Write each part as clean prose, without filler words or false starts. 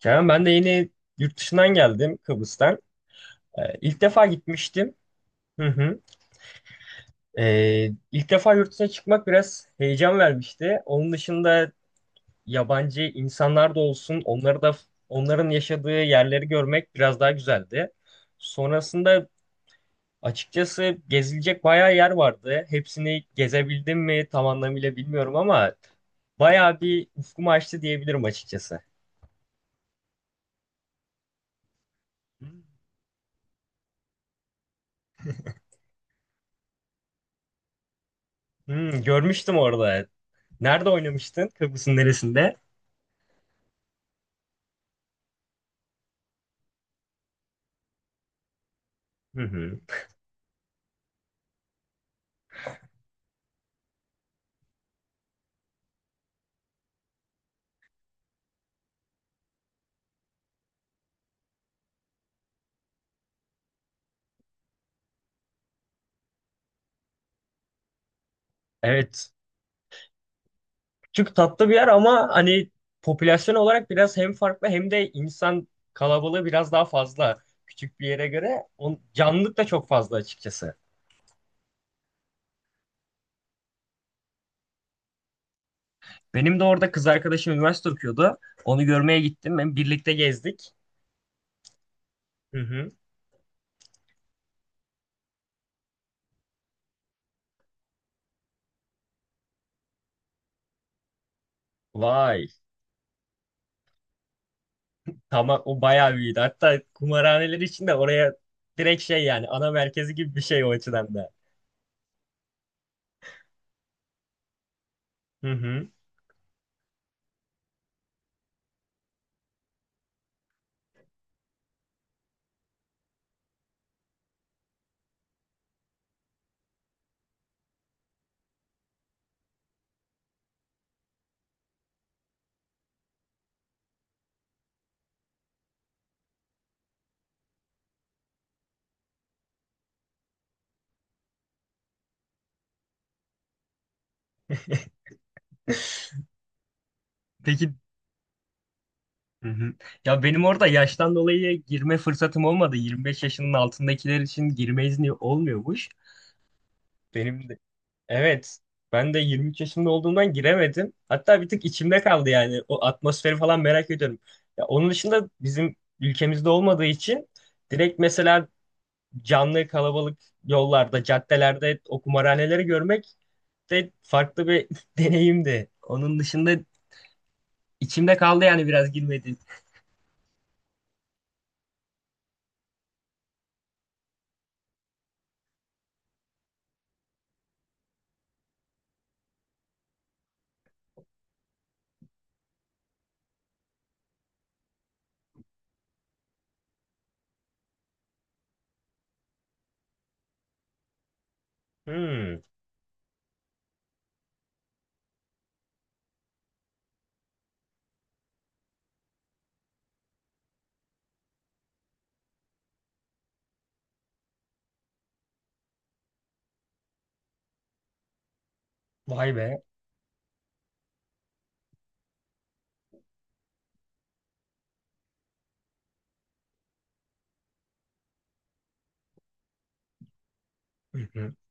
Kerem ben de yeni yurt dışından geldim Kıbrıs'tan. İlk defa gitmiştim. Hı hı. İlk defa yurt dışına çıkmak biraz heyecan vermişti. Onun dışında yabancı insanlar da olsun, onları da onların yaşadığı yerleri görmek biraz daha güzeldi. Sonrasında açıkçası gezilecek bayağı yer vardı. Hepsini gezebildim mi tam anlamıyla bilmiyorum ama bayağı bir ufkumu açtı diyebilirim açıkçası. Hmm, görmüştüm orada. Nerede oynamıştın? Kıbrıs'ın neresinde? Hı hı. Evet. Küçük tatlı bir yer ama hani popülasyon olarak biraz hem farklı hem de insan kalabalığı biraz daha fazla. Küçük bir yere göre on, canlılık da çok fazla açıkçası. Benim de orada kız arkadaşım üniversite okuyordu. Onu görmeye gittim. Hem birlikte gezdik. Hı hı. Vay. Tamam, o bayağı büyüdü. Hatta kumarhaneler için de oraya direkt şey yani ana merkezi gibi bir şey o açıdan da. Hı hı. Peki. Hı hı. Ya benim orada yaştan dolayı girme fırsatım olmadı. 25 yaşının altındakiler için girme izni olmuyormuş. Benim de evet. Ben de 23 yaşımda olduğumdan giremedim. Hatta bir tık içimde kaldı yani. O atmosferi falan merak ediyorum. Ya onun dışında bizim ülkemizde olmadığı için direkt mesela canlı kalabalık yollarda, caddelerde o kumarhaneleri görmek de farklı bir deneyimdi. Onun dışında içimde kaldı yani biraz girmedi. Hmm, vay be.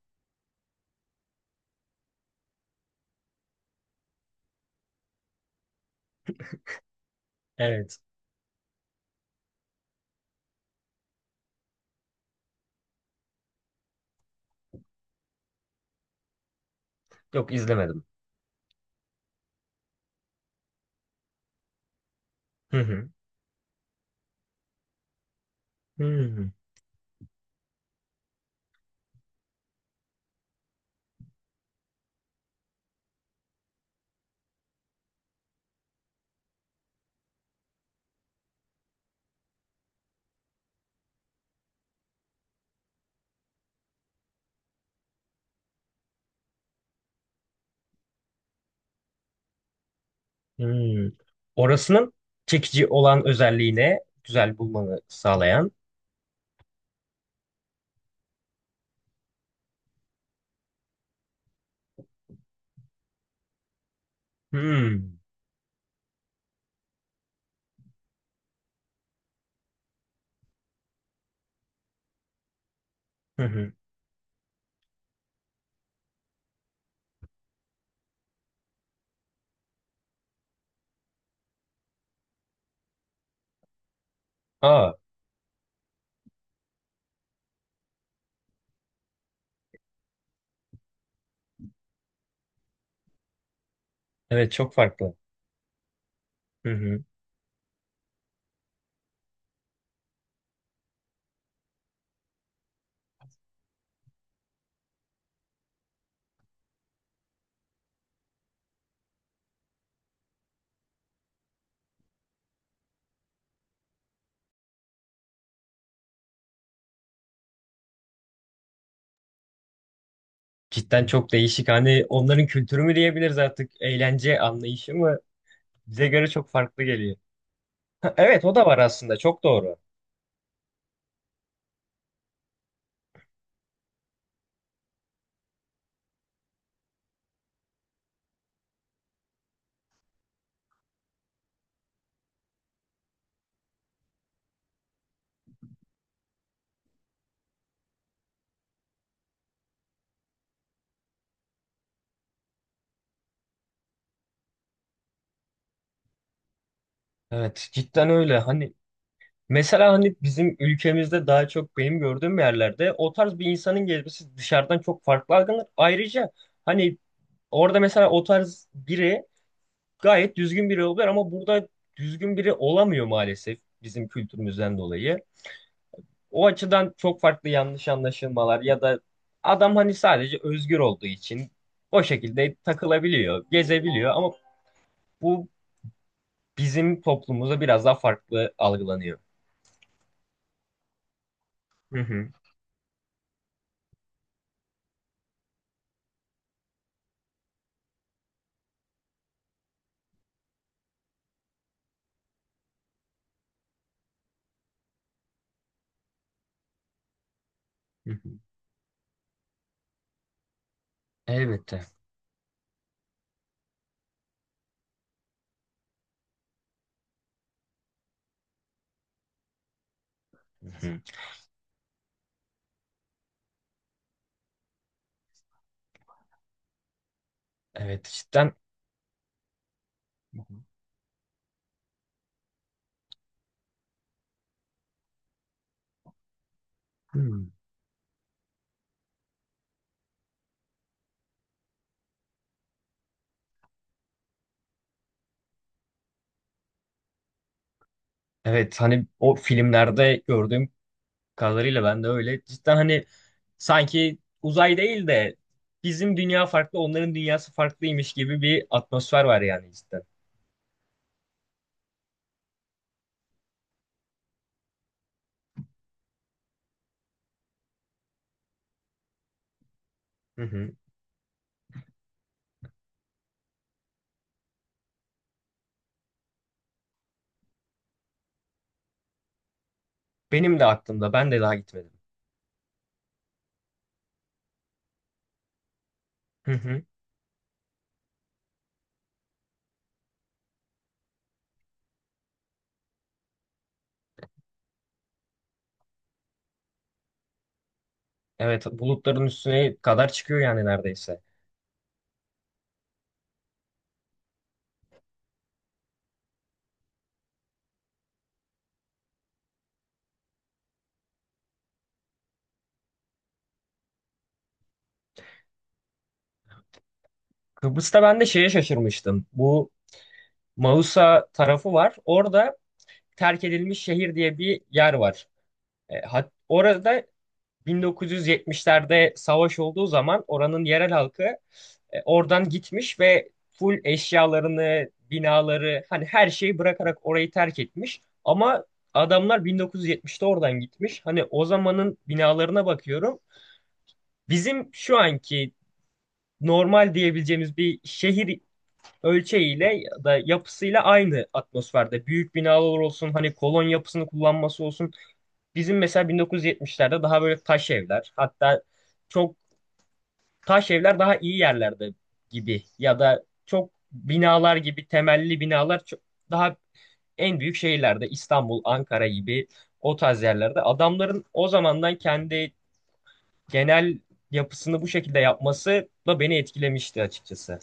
Evet. Yok, izlemedim. Hı hı. Hmm, hmm. Orasının çekici olan özelliğine güzel bulmanı sağlayan. Hmm. Hı hı. Aa, evet çok farklı. Hı hı. Cidden çok değişik. Hani onların kültürü mü diyebiliriz artık? Eğlence anlayışı mı? Bize göre çok farklı geliyor. Ha, evet o da var aslında. Çok doğru. Evet cidden öyle. Hani mesela hani bizim ülkemizde daha çok benim gördüğüm yerlerde o tarz bir insanın gezmesi dışarıdan çok farklı algılanır. Ayrıca hani orada mesela o tarz biri gayet düzgün biri oluyor ama burada düzgün biri olamıyor maalesef bizim kültürümüzden dolayı. O açıdan çok farklı yanlış anlaşılmalar ya da adam hani sadece özgür olduğu için o şekilde takılabiliyor, gezebiliyor ama bu bizim toplumumuzda biraz daha farklı algılanıyor. Hı hı. Hı hı. Elbette. Hı hı. Evet cidden. Hmm. Evet hani o filmlerde gördüğüm kadarıyla ben de öyle cidden hani sanki uzay değil de bizim dünya farklı onların dünyası farklıymış gibi bir atmosfer var yani cidden. Hı hı. Benim de aklımda, ben de daha gitmedim. Hı hı. Evet bulutların üstüne kadar çıkıyor yani neredeyse. Kıbrıs'ta ben de şeye şaşırmıştım. Bu Mausa tarafı var. Orada terk edilmiş şehir diye bir yer var. Orada 1970'lerde savaş olduğu zaman oranın yerel halkı oradan gitmiş ve full eşyalarını, binaları hani her şeyi bırakarak orayı terk etmiş. Ama adamlar 1970'te oradan gitmiş. Hani o zamanın binalarına bakıyorum. Bizim şu anki normal diyebileceğimiz bir şehir ölçeğiyle ya da yapısıyla aynı atmosferde. Büyük binalar olsun, hani kolon yapısını kullanması olsun. Bizim mesela 1970'lerde daha böyle taş evler, hatta çok taş evler daha iyi yerlerde gibi ya da çok binalar gibi temelli binalar çok, daha en büyük şehirlerde İstanbul, Ankara gibi o tarz yerlerde adamların o zamandan kendi genel yapısını bu şekilde yapması da beni etkilemişti açıkçası.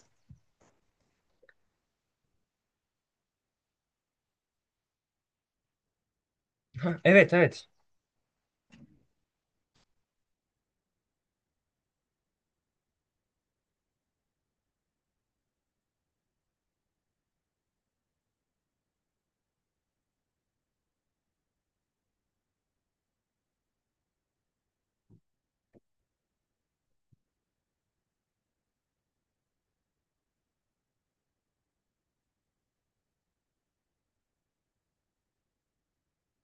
Evet evet.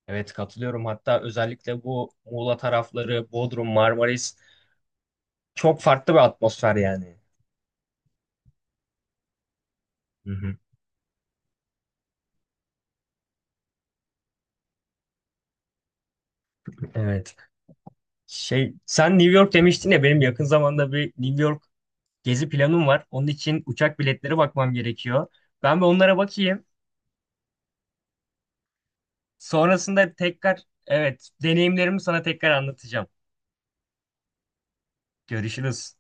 Evet katılıyorum. Hatta özellikle bu Muğla tarafları, Bodrum, Marmaris çok farklı bir atmosfer yani. Hı hı. Evet. Şey, sen New York demiştin ya, benim yakın zamanda bir New York gezi planım var. Onun için uçak biletleri bakmam gerekiyor. Ben bir onlara bakayım. Sonrasında tekrar evet deneyimlerimi sana tekrar anlatacağım. Görüşürüz.